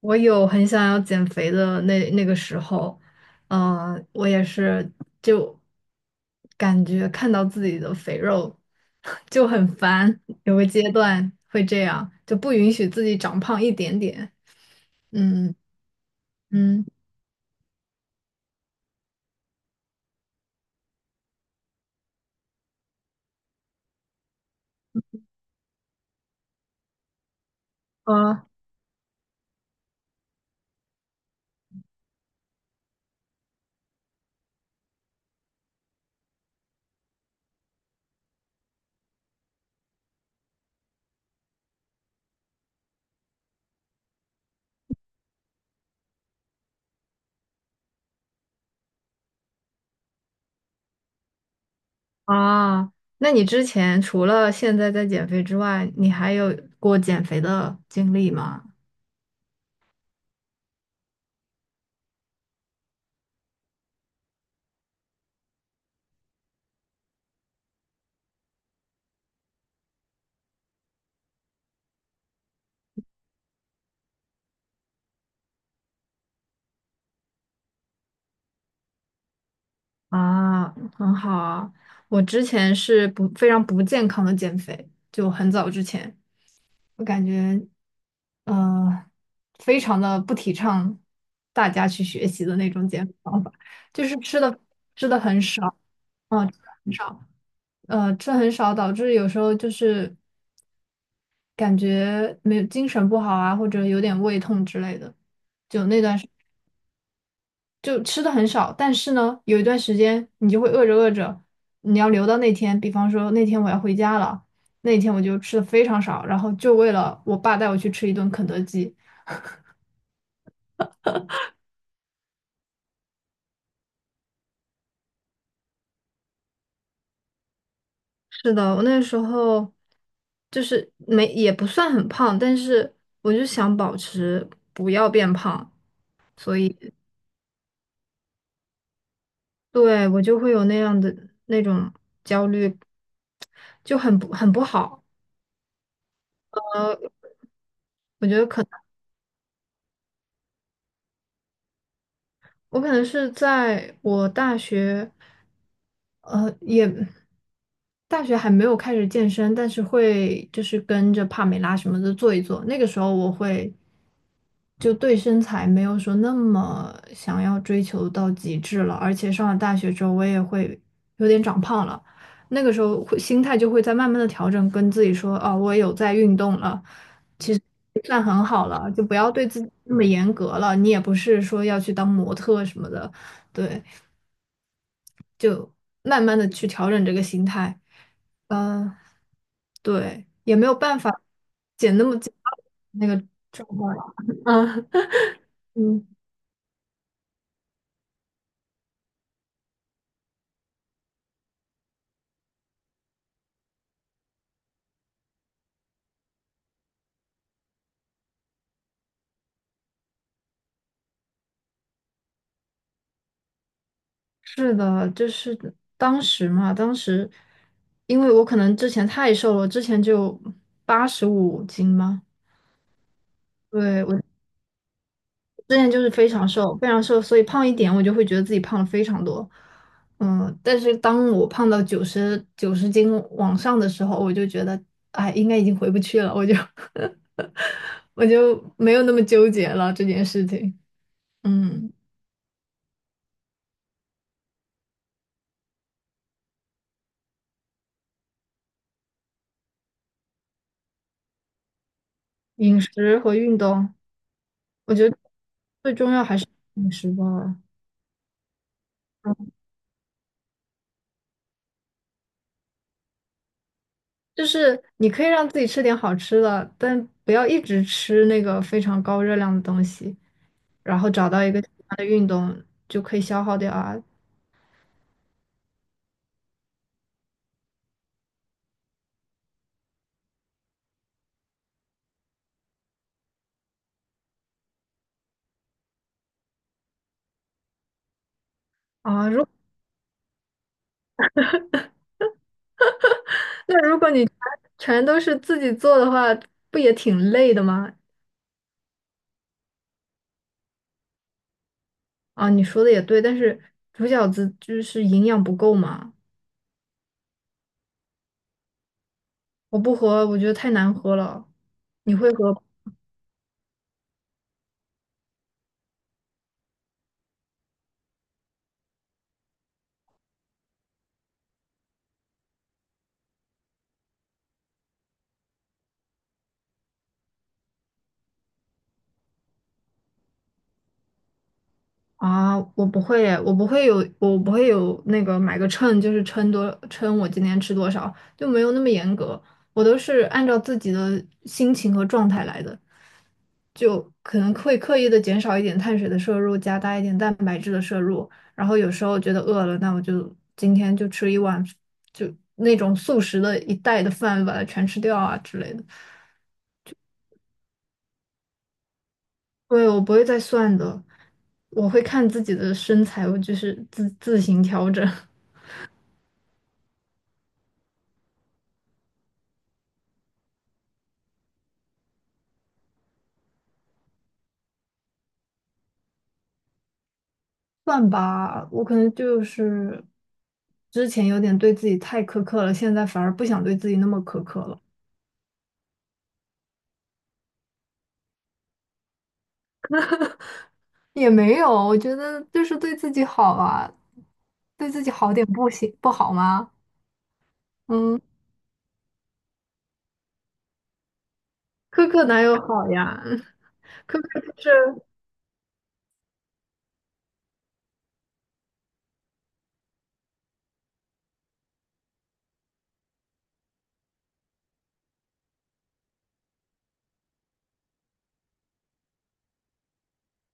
我有很想要减肥的那个时候，嗯、我也是就感觉看到自己的肥肉 就很烦，有个阶段会这样，就不允许自己长胖一点点。嗯嗯，啊啊，那你之前除了现在在减肥之外，你还有过减肥的经历吗？啊，很好啊。我之前是不非常不健康的减肥，就很早之前。我感觉，呃，非常的不提倡大家去学习的那种减肥方法，就是吃的很少，嗯，吃的很少，吃的很少，导致有时候就是感觉没有精神不好啊，或者有点胃痛之类的。就那段时就吃的很少，但是呢，有一段时间你就会饿着饿着，你要留到那天，比方说那天我要回家了，那天我就吃的非常少，然后就为了我爸带我去吃一顿肯德基。是的，我那时候就是没也不算很胖，但是我就想保持不要变胖，所以对我就会有那样的那种焦虑，就很不好。呃，我觉得可能我可能是在我大学，呃，也大学还没有开始健身，但是会就是跟着帕梅拉什么的做一做。那个时候我会就对身材没有说那么想要追求到极致了，而且上了大学之后，我也会有点长胖了。那个时候会心态就会在慢慢的调整，跟自己说，哦，我有在运动了，其实也算很好了，就不要对自己那么严格了。你也不是说要去当模特什么的，对，就慢慢的去调整这个心态。嗯、对，也没有办法减那么减那个状态了。嗯嗯。是的，就是当时嘛，当时因为我可能之前太瘦了，之前就八十五斤嘛，对，我之前就是非常瘦，非常瘦，所以胖一点我就会觉得自己胖了非常多。嗯，但是当我胖到九十斤往上的时候，我就觉得，哎，应该已经回不去了，我就 我就没有那么纠结了这件事情。嗯，饮食和运动，我觉得饮食吧。就是你可以让自己吃点好吃的，但不要一直吃那个非常高热量的东西，然后找到一个喜欢的运动就可以消耗掉啊。啊！如果你全全都是自己做的话，不也挺累的吗？啊，你说的也对，但是煮饺子就是营养不够嘛。我不喝，我觉得太难喝了。你会喝？啊，我不会有那个买个秤，就是称我今天吃多少，就没有那么严格。我都是按照自己的心情和状态来的，就可能会刻意的减少一点碳水的摄入，加大一点蛋白质的摄入。然后有时候觉得饿了，那我就今天就吃一碗，就那种速食的一袋的饭，把它全吃掉啊之类的。对，我不会再算的，我会看自己的身材，我就是自行调整。算吧，我可能就是之前有点对自己太苛刻了，现在反而不想对自己那么苛刻了。也没有，我觉得就是对自己好啊，对自己好点不行不好吗？嗯，苛刻哪有好呀？苛刻就是，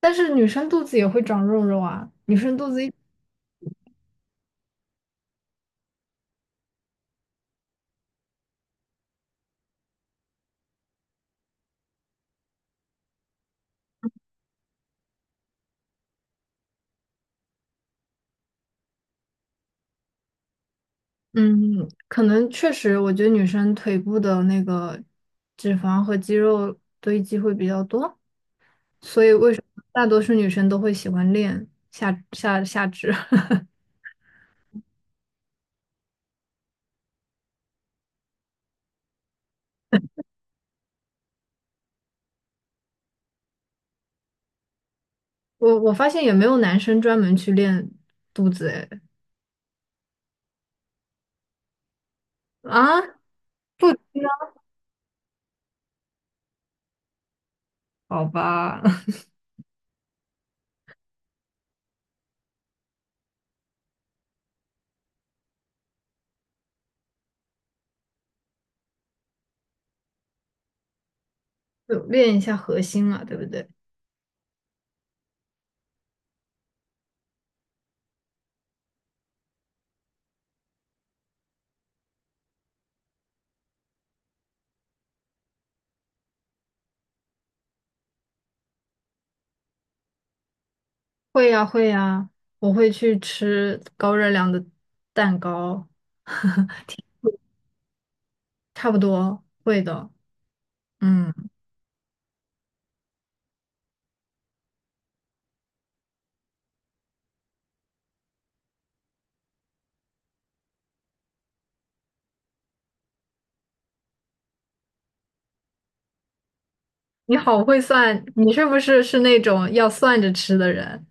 但是女生肚子也会长肉肉啊。女生肚子一嗯，可能确实，我觉得女生腿部的那个脂肪和肌肉堆积会比较多，所以为什么大多数女生都会喜欢练下肢？我我发现也没有男生专门去练肚子，哎，啊，不知道，好吧，就练一下核心嘛，对不对？会呀、会呀、我会去吃高热量的蛋糕，差不多会的。嗯，你好会算，你是不是那种要算着吃的人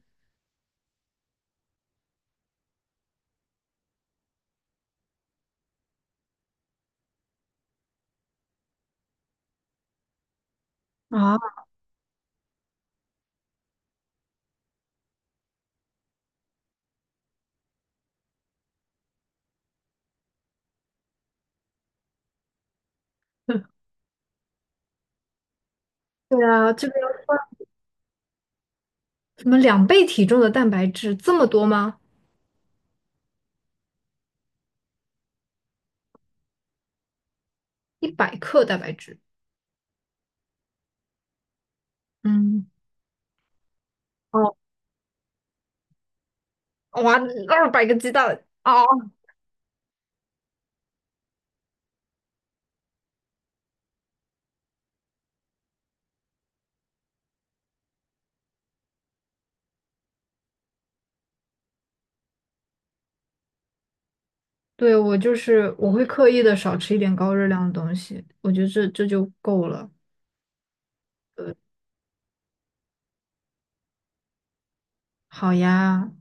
啊？对啊，这个要算什么两倍体重的蛋白质这么多吗？一百克蛋白质。嗯，哦，哇，二百个鸡蛋哦。对，我就是我会刻意的少吃一点高热量的东西，我觉得这就够了。好呀，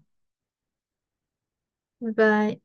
拜拜。